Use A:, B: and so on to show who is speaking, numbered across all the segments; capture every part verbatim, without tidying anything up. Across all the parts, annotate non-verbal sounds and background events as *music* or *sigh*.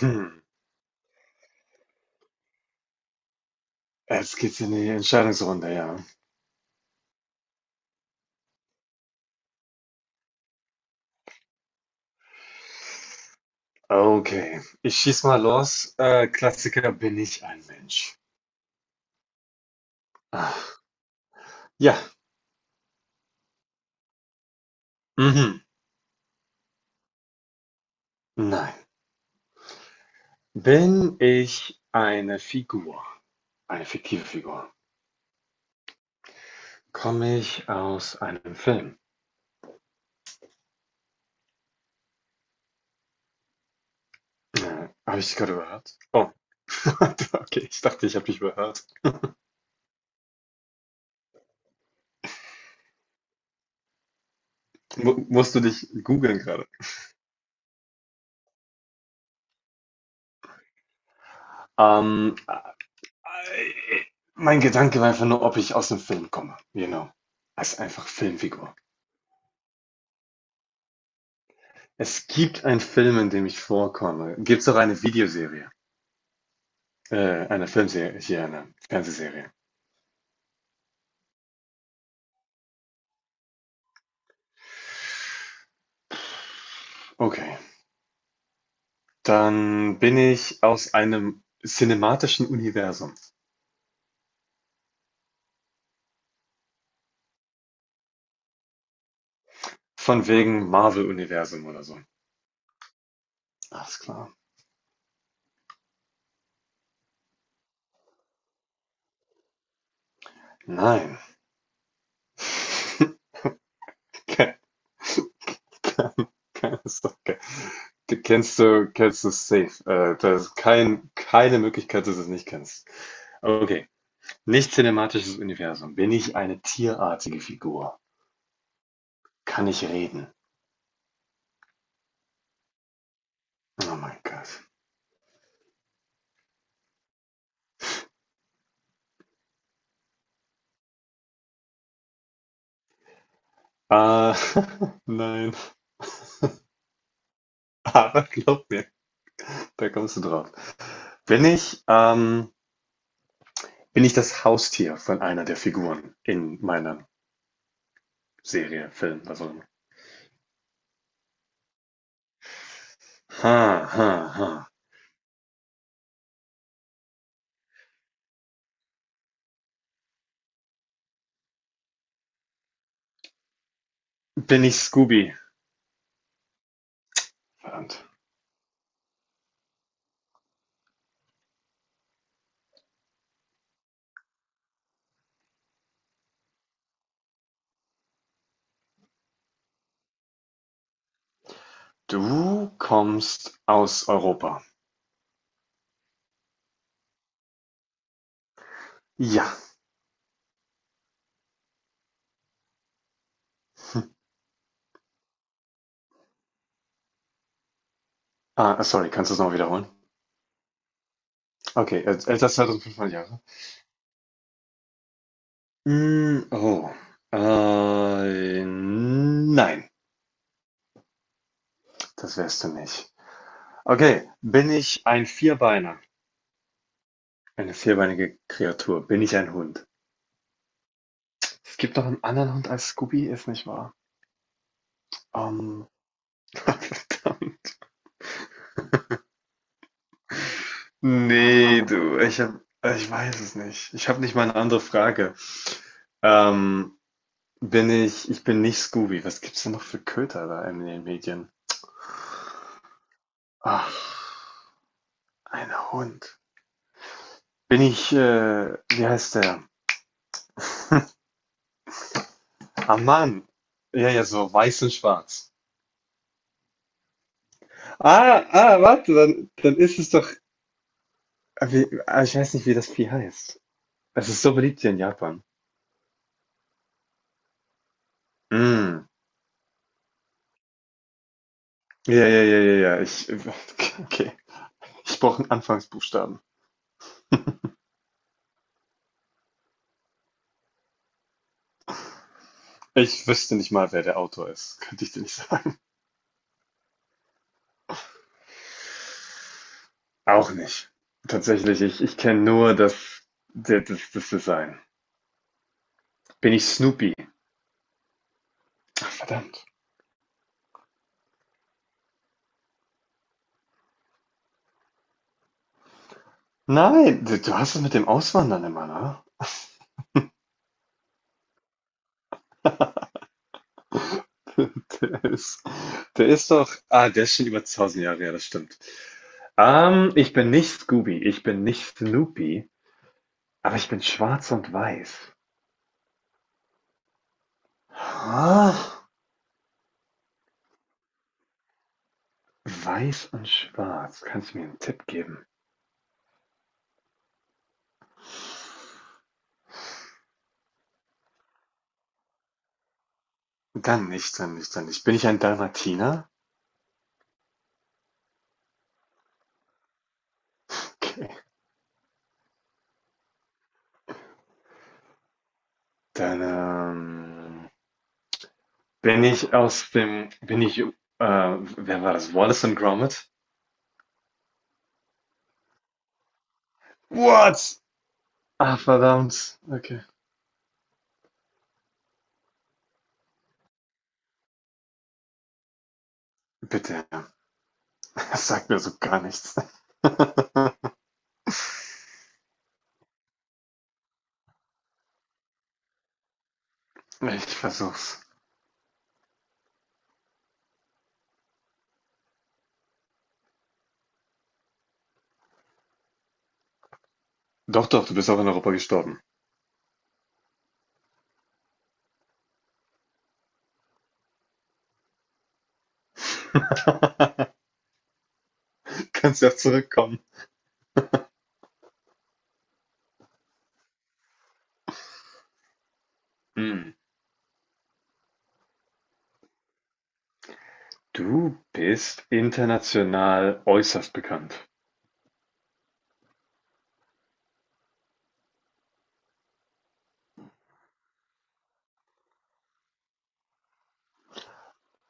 A: Hm, Jetzt geht's in die Entscheidungsrunde, ja. Okay, ich schieß mal los. Äh, Klassiker, bin ich ein Mensch? Ah, ja. Mhm. Nein. Bin ich eine Figur? Eine fiktive Figur. Komme ich aus einem Film? Äh, habe ich dich gerade überhört? Oh, *laughs* okay, ich dachte, ich habe dich überhört. Mu musst du dich googeln gerade? Ähm, äh, Mein Gedanke war einfach nur, ob ich aus dem Film komme. Genau. Als einfach Filmfigur. Es gibt einen Film, in dem ich vorkomme. Gibt es auch eine Videoserie. Äh, eine Filmserie, hier eine Fernsehserie. Okay. Dann bin ich aus einem cinematischen Universum. Von wegen Marvel-Universum oder so. Alles klar. Nein. *laughs* Keine, keine Sorge. Du kennst du, kennst du safe. Äh, da ist kein, keine Möglichkeit, dass du es nicht kennst. Okay. Nicht cinematisches Universum. Bin ich eine tierartige Figur? Kann ich reden? Oh mein Gott. Äh, *laughs* nein, aber glaub mir, da kommst du drauf. Bin ich, ähm, bin ich das Haustier von einer der Figuren in meiner Serie, Film, was auch immer? Ha, ha, ha. Bin ich Scooby? Verdammt. Du kommst aus Europa. Ja. Ah, sorry, kannst du es noch wiederholen? Okay, äh, älter als zweitausendfünfhundert Jahre. Mm, oh. Äh, nein, das wärst du nicht. Okay, bin ich ein Vierbeiner? Eine vierbeinige Kreatur. Bin ich ein Hund? Es gibt noch einen anderen Hund als Scooby, ist nicht wahr? Ähm, *laughs* verdammt. Nee, du, ich hab, also ich weiß es nicht. Ich habe nicht mal eine andere Frage. Ähm, bin ich, ich bin nicht Scooby. Was gibt's denn noch für Köter da in den Medien? Ach, ein Hund. Bin ich, äh, wie heißt der? Ah, Mann. Ja, ja, so weiß und schwarz. Ah, ah, warte, dann, dann ist es doch. Ah, wie, ah, ich weiß nicht, wie das Vieh heißt. Es ist so beliebt hier in Japan. Mm. Ja, ja, ja, ja, ja. Ich, okay. Ich brauche einen Anfangsbuchstaben. Ich wüsste nicht mal, wer der Autor ist. Könnte ich dir nicht sagen. Auch nicht. Tatsächlich, ich, ich kenne nur das, das, das Design. Bin ich Snoopy? Verdammt. Nein, du, du hast es mit dem Auswandern immer, ne? *laughs* Der ist, der ist doch. Ah, der ist schon über tausend Jahre, ja, das stimmt. Ähm, ich bin nicht Scooby, ich bin nicht Snoopy, aber ich bin schwarz und weiß. Ah. Weiß und schwarz. Kannst du mir einen Tipp geben? Dann nicht, dann nicht, dann nicht. Bin ich ein Dalmatiner? Okay. Dann, ähm, bin ich aus dem bin ich, äh wer war das? Wallace & and Gromit? What? Ah, verdammt. Okay. Bitte, das sagt *laughs* mir so gar nichts. *laughs* Ich versuch's. Doch, doch, du bist auch in Europa gestorben. Du kannst ja zurückkommen. Hm, du bist international äußerst bekannt.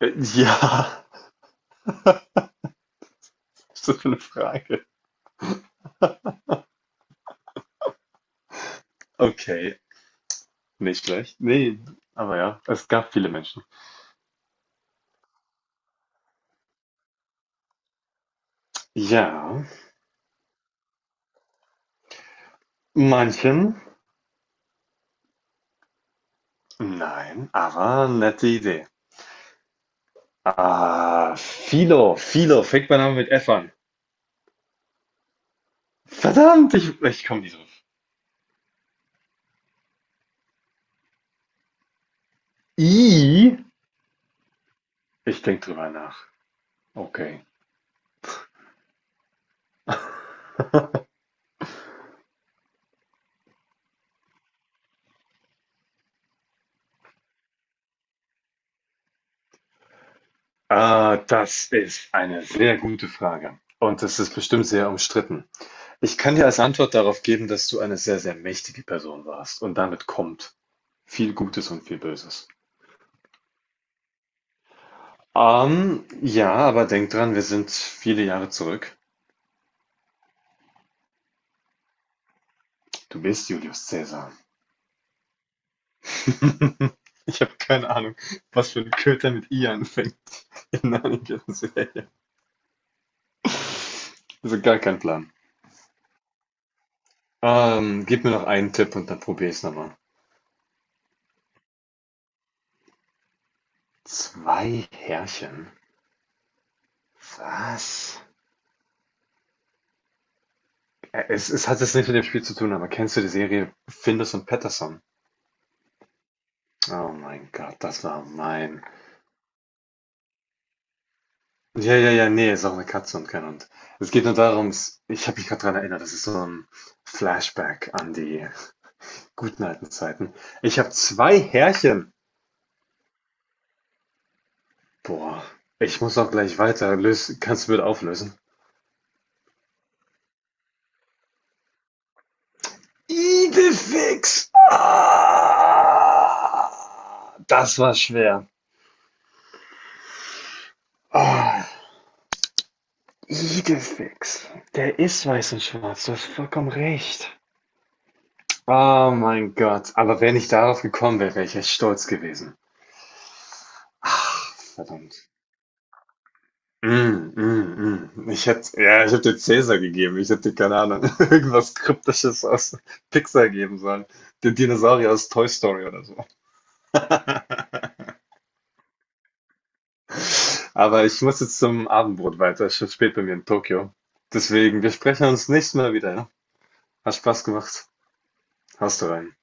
A: Äh, ja, *laughs* was ist das für 'ne Frage? Okay, nicht schlecht. Nee, aber ja, es gab viele Menschen. Ja, manchen, nein, aber nette Idee. Ah, Philo, Philo, fängt mein Name mit F an. Verdammt, ich, ich komme nicht drauf. I, ich denke drüber nach. Okay. Ah, das ist eine sehr gute Frage. Und das ist bestimmt sehr umstritten. Ich kann dir als Antwort darauf geben, dass du eine sehr, sehr mächtige Person warst und damit kommt viel Gutes und viel Böses. Ähm, ja, aber denk dran, wir sind viele Jahre zurück. Du bist Julius Caesar. *laughs* Ich habe keine Ahnung, was für ein Köter mit I anfängt *laughs* in der Serie. Also gar kein Plan. Ähm, gib mir noch einen Tipp und dann probier ich's nochmal. Zwei Herrchen? Was? Äh, Es, es hat jetzt nichts mit dem Spiel zu tun, aber kennst du die Serie Findus und Patterson? Oh mein Gott, das war mein. Ja, ja, ja, nee, ist auch eine Katze und kein Hund. Es geht nur darum, s ich habe mich gerade dran erinnert, das ist so ein Flashback an die guten alten Zeiten. Ich habe zwei Härchen. Boah, ich muss auch gleich weiter. Lös kannst du bitte auflösen? Idefix. Ah, das war schwer. Ah, Idefix. Der ist weiß und schwarz, du hast vollkommen recht. Oh mein Gott, aber wenn ich darauf gekommen wäre, wäre ich echt stolz gewesen. Verdammt. Mm, mm, mm. Ich hätte, ja, ich hätte dir Cäsar gegeben. Ich hätte dir, keine Ahnung, *laughs* irgendwas Kryptisches aus Pixar geben sollen. Den Dinosaurier aus Toy Story oder so. *laughs* Aber ich muss jetzt zum Abendbrot weiter. Es ist schon spät bei mir in Tokio. Deswegen, wir sprechen uns nächstes Mal wieder. Ja? Hat Spaß gemacht. Hast du rein.